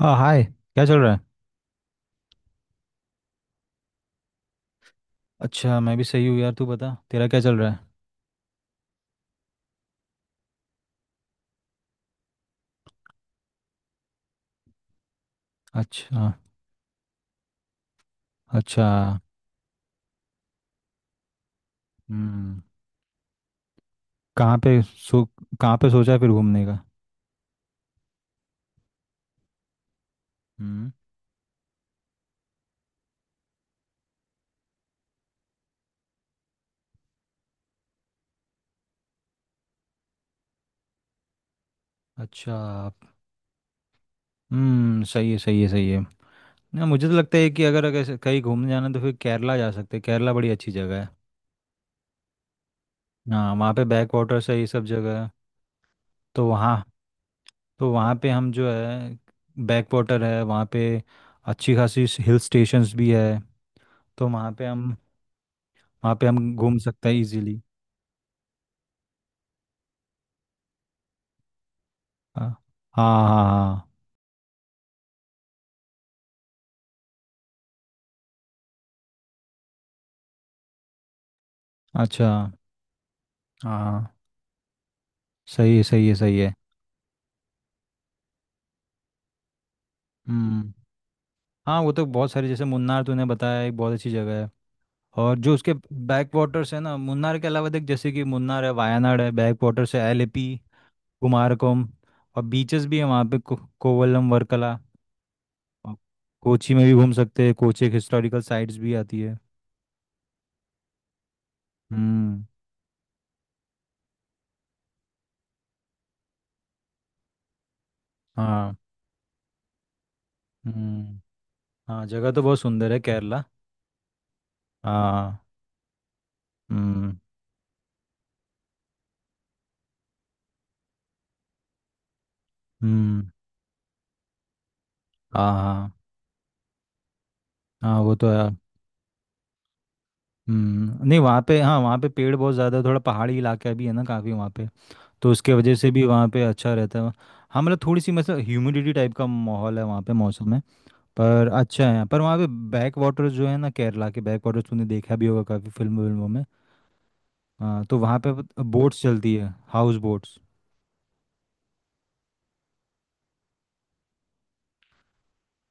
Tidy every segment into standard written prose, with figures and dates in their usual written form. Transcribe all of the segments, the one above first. हाँ, हाय। क्या चल रहा है? अच्छा, मैं भी सही हूँ यार। तू बता, तेरा क्या चल रहा है? अच्छा। अच्छा। हम्म। कहाँ पे सो कहाँ पे सोचा है फिर घूमने का? हम्म। अच्छा। हम्म। सही है, सही है, सही है। ना, मुझे तो लगता है कि अगर अगर कहीं घूमने जाना है तो फिर केरला जा सकते हैं। केरला बड़ी अच्छी जगह है। हाँ, वहाँ पे बैक वाटर्स है, ये सब जगह है। तो वहाँ तो वहाँ पे हम जो है बैक वाटर है वहाँ पे। अच्छी खासी हिल स्टेशंस भी है। तो वहाँ पे हम वहाँ पे हम घूम सकते हैं इजीली। हाँ, हाँ, हाँ, हाँ, अच्छा। हाँ हाँ। सही है, सही है, सही है। हम्म। हाँ, वो तो बहुत सारी जैसे मुन्नार तूने बताया एक बहुत अच्छी जगह है। और जो उसके बैक वाटर्स है ना, मुन्नार के अलावा देख, जैसे कि मुन्नार है, वायनाड है, बैक वाटर्स है एलेपी, कुमारकोम। और बीचेस भी है वहाँ पे कोवलम, वर्कला। और कोची में भी घूम सकते हैं, कोची एक हिस्टोरिकल साइट्स भी आती है। हम्म। हाँ। हम्म। हाँ, जगह तो बहुत सुंदर है केरला। हाँ। हम्म। हम्म। हाँ। हाँ। हाँ, वो तो है। हम्म। नहीं, वहाँ पे, हाँ वहाँ पे पेड़ बहुत ज़्यादा, थोड़ा पहाड़ी इलाका भी है ना काफ़ी वहाँ पे। तो उसके वजह से भी वहाँ पे अच्छा रहता है। हाँ, मतलब थोड़ी सी मतलब ह्यूमिडिटी टाइप का माहौल है वहाँ पे मौसम में। पर अच्छा है, पर वहाँ पे बैक वाटर्स जो है ना, केरला के बैक वाटर्स तुमने देखा भी होगा काफ़ी फिल्म विल्मों में। हाँ, तो वहाँ पे बोट्स चलती है, हाउस बोट्स।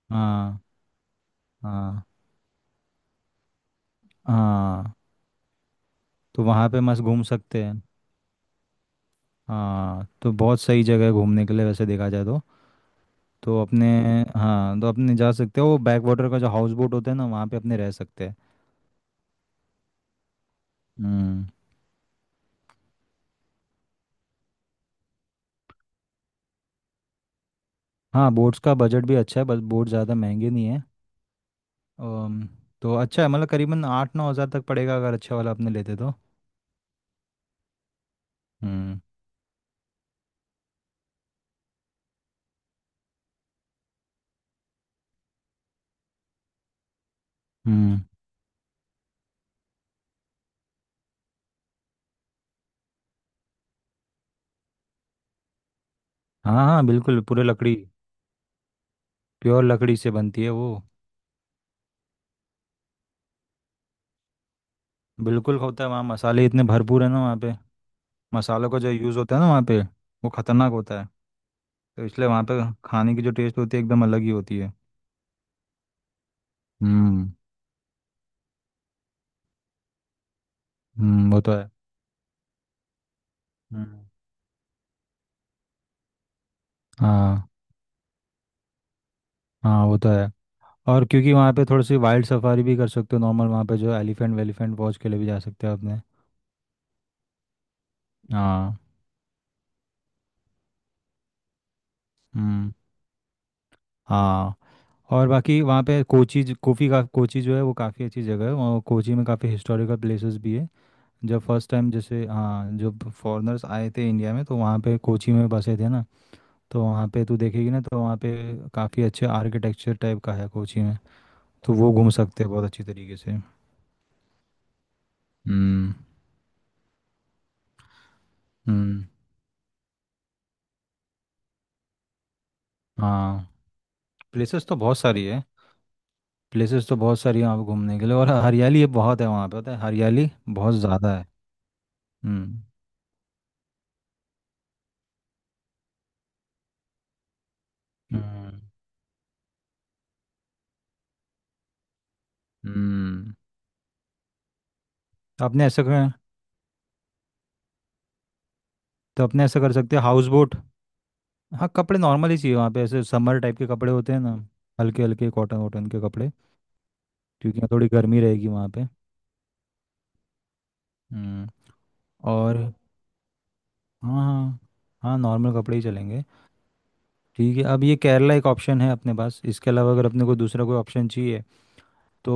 हाँ, हाँ। हाँ, तो वहाँ पे मस्त घूम सकते हैं। हाँ, तो बहुत सही जगह है घूमने के लिए वैसे देखा जाए तो। तो अपने, हाँ तो अपने जा सकते हो, वो बैक वाटर का जो हाउस बोट होता है ना वहाँ पे अपने रह सकते हैं। हम्म। हाँ, बोट्स का बजट भी अच्छा है, बस बोट ज़्यादा महंगे नहीं है। अम, तो अच्छा है, मतलब करीबन 8-9 हज़ार तक पड़ेगा अगर अच्छा वाला अपने लेते तो। हम्म। हम्म। हाँ, हाँ, बिल्कुल पूरे लकड़ी, प्योर लकड़ी से बनती है वो। बिल्कुल होता है, वहाँ मसाले इतने भरपूर है ना वहाँ पे, मसालों का जो यूज़ होता है ना वहाँ पे वो खतरनाक होता है। तो इसलिए वहाँ पे खाने की जो टेस्ट होती है एकदम अलग ही होती है। हम्म। हम्म, वो तो है। हम्म। हाँ। हाँ, वो तो है। और क्योंकि वहाँ पे थोड़ी सी वाइल्ड सफारी भी कर सकते हो, नॉर्मल वहाँ पे जो एलिफेंट वेलिफेंट वॉच के लिए भी जा सकते हो अपने। हाँ। हम्म। हाँ। और बाकी वहाँ पे कोची ज- कोफी का कोची जो है वो काफ़ी अच्छी जगह है, और कोची में काफ़ी हिस्टोरिकल प्लेसेस भी है। जब फर्स्ट टाइम, जैसे हाँ, जब फॉरेनर्स आए थे इंडिया में तो वहाँ पे कोची में बसे थे ना, तो वहाँ पे तू देखेगी ना, तो वहाँ पे काफ़ी अच्छे आर्किटेक्चर टाइप का है कोची में। तो वो घूम सकते हैं बहुत अच्छी तरीके से। हम्म। हम्म। हाँ। प्लेसेस तो बहुत सारी है प्लेसेस तो बहुत सारी हैं वहाँ पे घूमने के लिए, और हरियाली बहुत है वहाँ पे, पता है हरियाली बहुत ज़्यादा है। हम्म। हम्म। हम्म। आपने ऐसा कर तो अपने ऐसा कर सकते हैं हाउस बोट। हाँ, कपड़े नॉर्मल ही चाहिए वहाँ पे, ऐसे समर टाइप के कपड़े होते हैं ना, हल्के हल्के कॉटन वॉटन के कपड़े। क्योंकि यहाँ थोड़ी गर्मी रहेगी वहाँ पे। हम्म। और हाँ, हाँ, हाँ नॉर्मल कपड़े ही चलेंगे। ठीक है, अब ये केरला एक ऑप्शन है अपने पास, इसके अलावा अगर अपने को दूसरा कोई ऑप्शन चाहिए, तो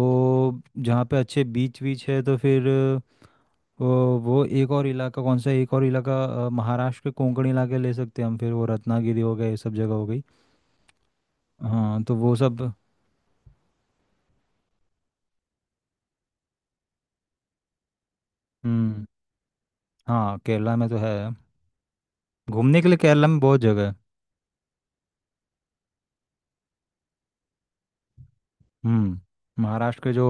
जहाँ पे अच्छे बीच बीच है तो फिर, वो एक और इलाका कौन सा है? एक और इलाका महाराष्ट्र के कोंकण इलाके ले सकते हैं हम फिर, वो रत्नागिरी हो गए, ये सब जगह हो गई। हाँ, तो वो सब। हम्म। हाँ, केरला में तो है, घूमने के लिए केरला में बहुत जगह है। हम्म। महाराष्ट्र के जो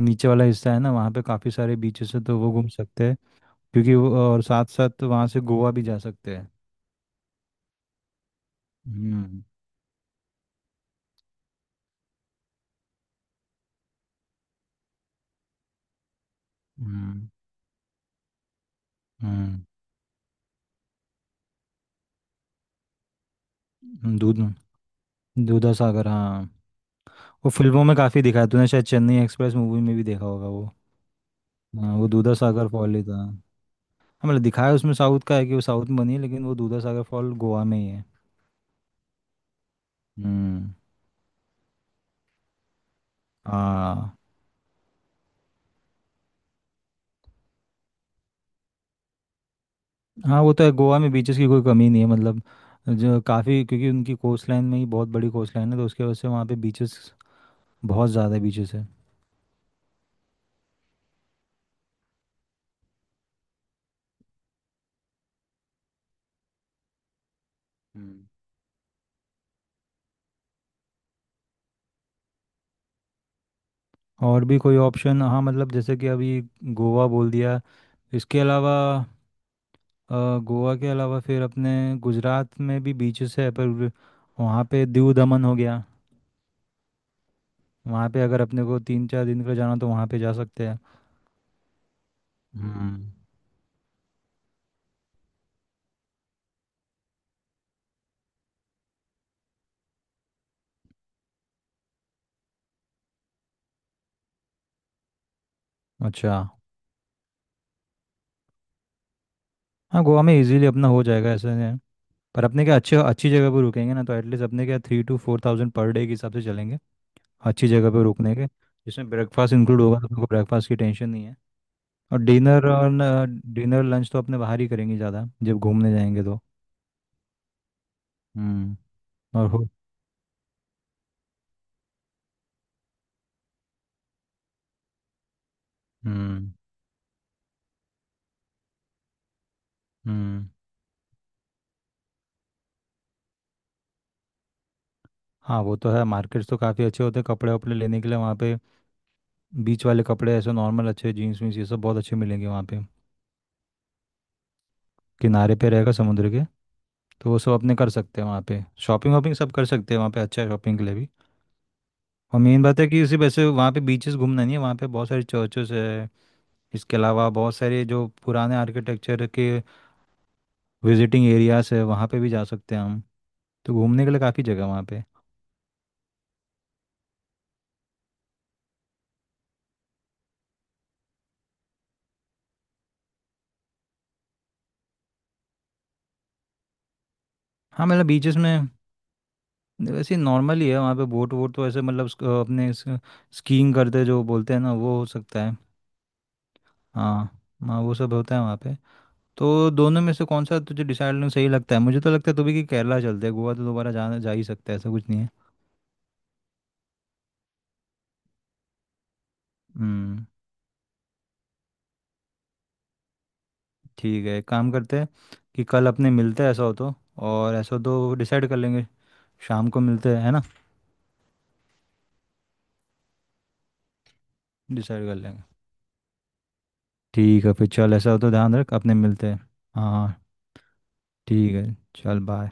नीचे वाला हिस्सा है ना, वहाँ पे काफ़ी सारे बीचेस है, तो वो घूम सकते हैं। क्योंकि वो, और साथ साथ वहाँ से गोवा भी जा सकते हैं। हम्म। हम्म। हम्म। दूध दूधा सागर, हाँ। वो फिल्मों में काफ़ी दिखा है, तूने शायद चेन्नई एक्सप्रेस मूवी में भी देखा होगा वो। हाँ, वो दूधा सागर फॉल ही था, हाँ, मतलब दिखाया उसमें साउथ का है कि वो साउथ में बनी है, लेकिन वो दूधा सागर फॉल गोवा में ही है। हम्म। हाँ। हाँ, वो तो है, गोवा में बीचेस की कोई कमी नहीं है मतलब, जो काफ़ी क्योंकि उनकी कोस्ट लाइन में ही बहुत बड़ी कोस्ट लाइन है, तो उसके वजह से वहाँ पे बीचेस, बहुत ज़्यादा बीचेस है। हम्म। और भी कोई ऑप्शन, हाँ मतलब जैसे कि अभी गोवा बोल दिया, इसके अलावा गोवा के अलावा फिर अपने, गुजरात में भी बीचेस है पर, वहाँ पे दीव दमन हो गया, वहाँ पे अगर अपने को 3-4 दिन के लिए जाना तो वहाँ पे जा सकते हैं। हम्म। अच्छा। हाँ, गोवा में इजीली अपना हो जाएगा ऐसे है। पर अपने क्या अच्छे अच्छी जगह पर रुकेंगे ना, तो एटलीस्ट अपने क्या 3-4 थाउजेंड पर डे के हिसाब से चलेंगे। अच्छी जगह पर रुकने के जिसमें ब्रेकफास्ट इंक्लूड होगा तो अपने को ब्रेकफास्ट की टेंशन नहीं है। और डिनर, और डिनर लंच तो अपने बाहर ही करेंगे ज़्यादा, जब घूमने जाएंगे तो। हम्म। और हो हम्म। हम्म। हाँ, वो तो है, मार्केट्स तो काफ़ी अच्छे होते हैं कपड़े वपड़े लेने के लिए वहाँ पे, बीच वाले कपड़े ऐसे नॉर्मल अच्छे जीन्स वीन्स ये सब बहुत अच्छे मिलेंगे वहाँ पे। किनारे पे रहेगा समुद्र के, तो वो सब अपने कर सकते हैं वहाँ पे शॉपिंग वॉपिंग सब कर सकते हैं वहाँ पे, अच्छा है शॉपिंग के लिए भी। और मेन बात है कि सिर्फ ऐसे वहाँ पे बीचेस घूमना नहीं है, वहाँ पे बहुत सारे चर्चेस है, इसके अलावा बहुत सारे जो पुराने आर्किटेक्चर के विजिटिंग एरियाज है वहाँ पे भी जा सकते हैं हम। तो घूमने के लिए काफ़ी जगह है वहाँ पे। हाँ, मतलब बीचेस में वैसे नॉर्मल ही है वहाँ पे, बोट वोट तो ऐसे मतलब अपने स्कीइंग करते जो बोलते हैं ना वो हो सकता है। हाँ। हाँ, वो सब होता है वहाँ पे। तो दोनों में से कौन सा तुझे डिसाइड करना सही लगता है? मुझे तो लगता है तू भी कि केरला चलते हैं, गोवा तो दोबारा जाना जा ही सकता है, ऐसा कुछ नहीं है। हम्म। ठीक है, एक काम करते हैं कि कल अपने मिलते हैं ऐसा हो तो, और ऐसा हो तो डिसाइड कर लेंगे, शाम को मिलते हैं, है ना? डिसाइड कर लेंगे। ठीक है फिर, चल ऐसा हो तो ध्यान रख, अपने मिलते हैं। हाँ, ठीक है। चल बाय।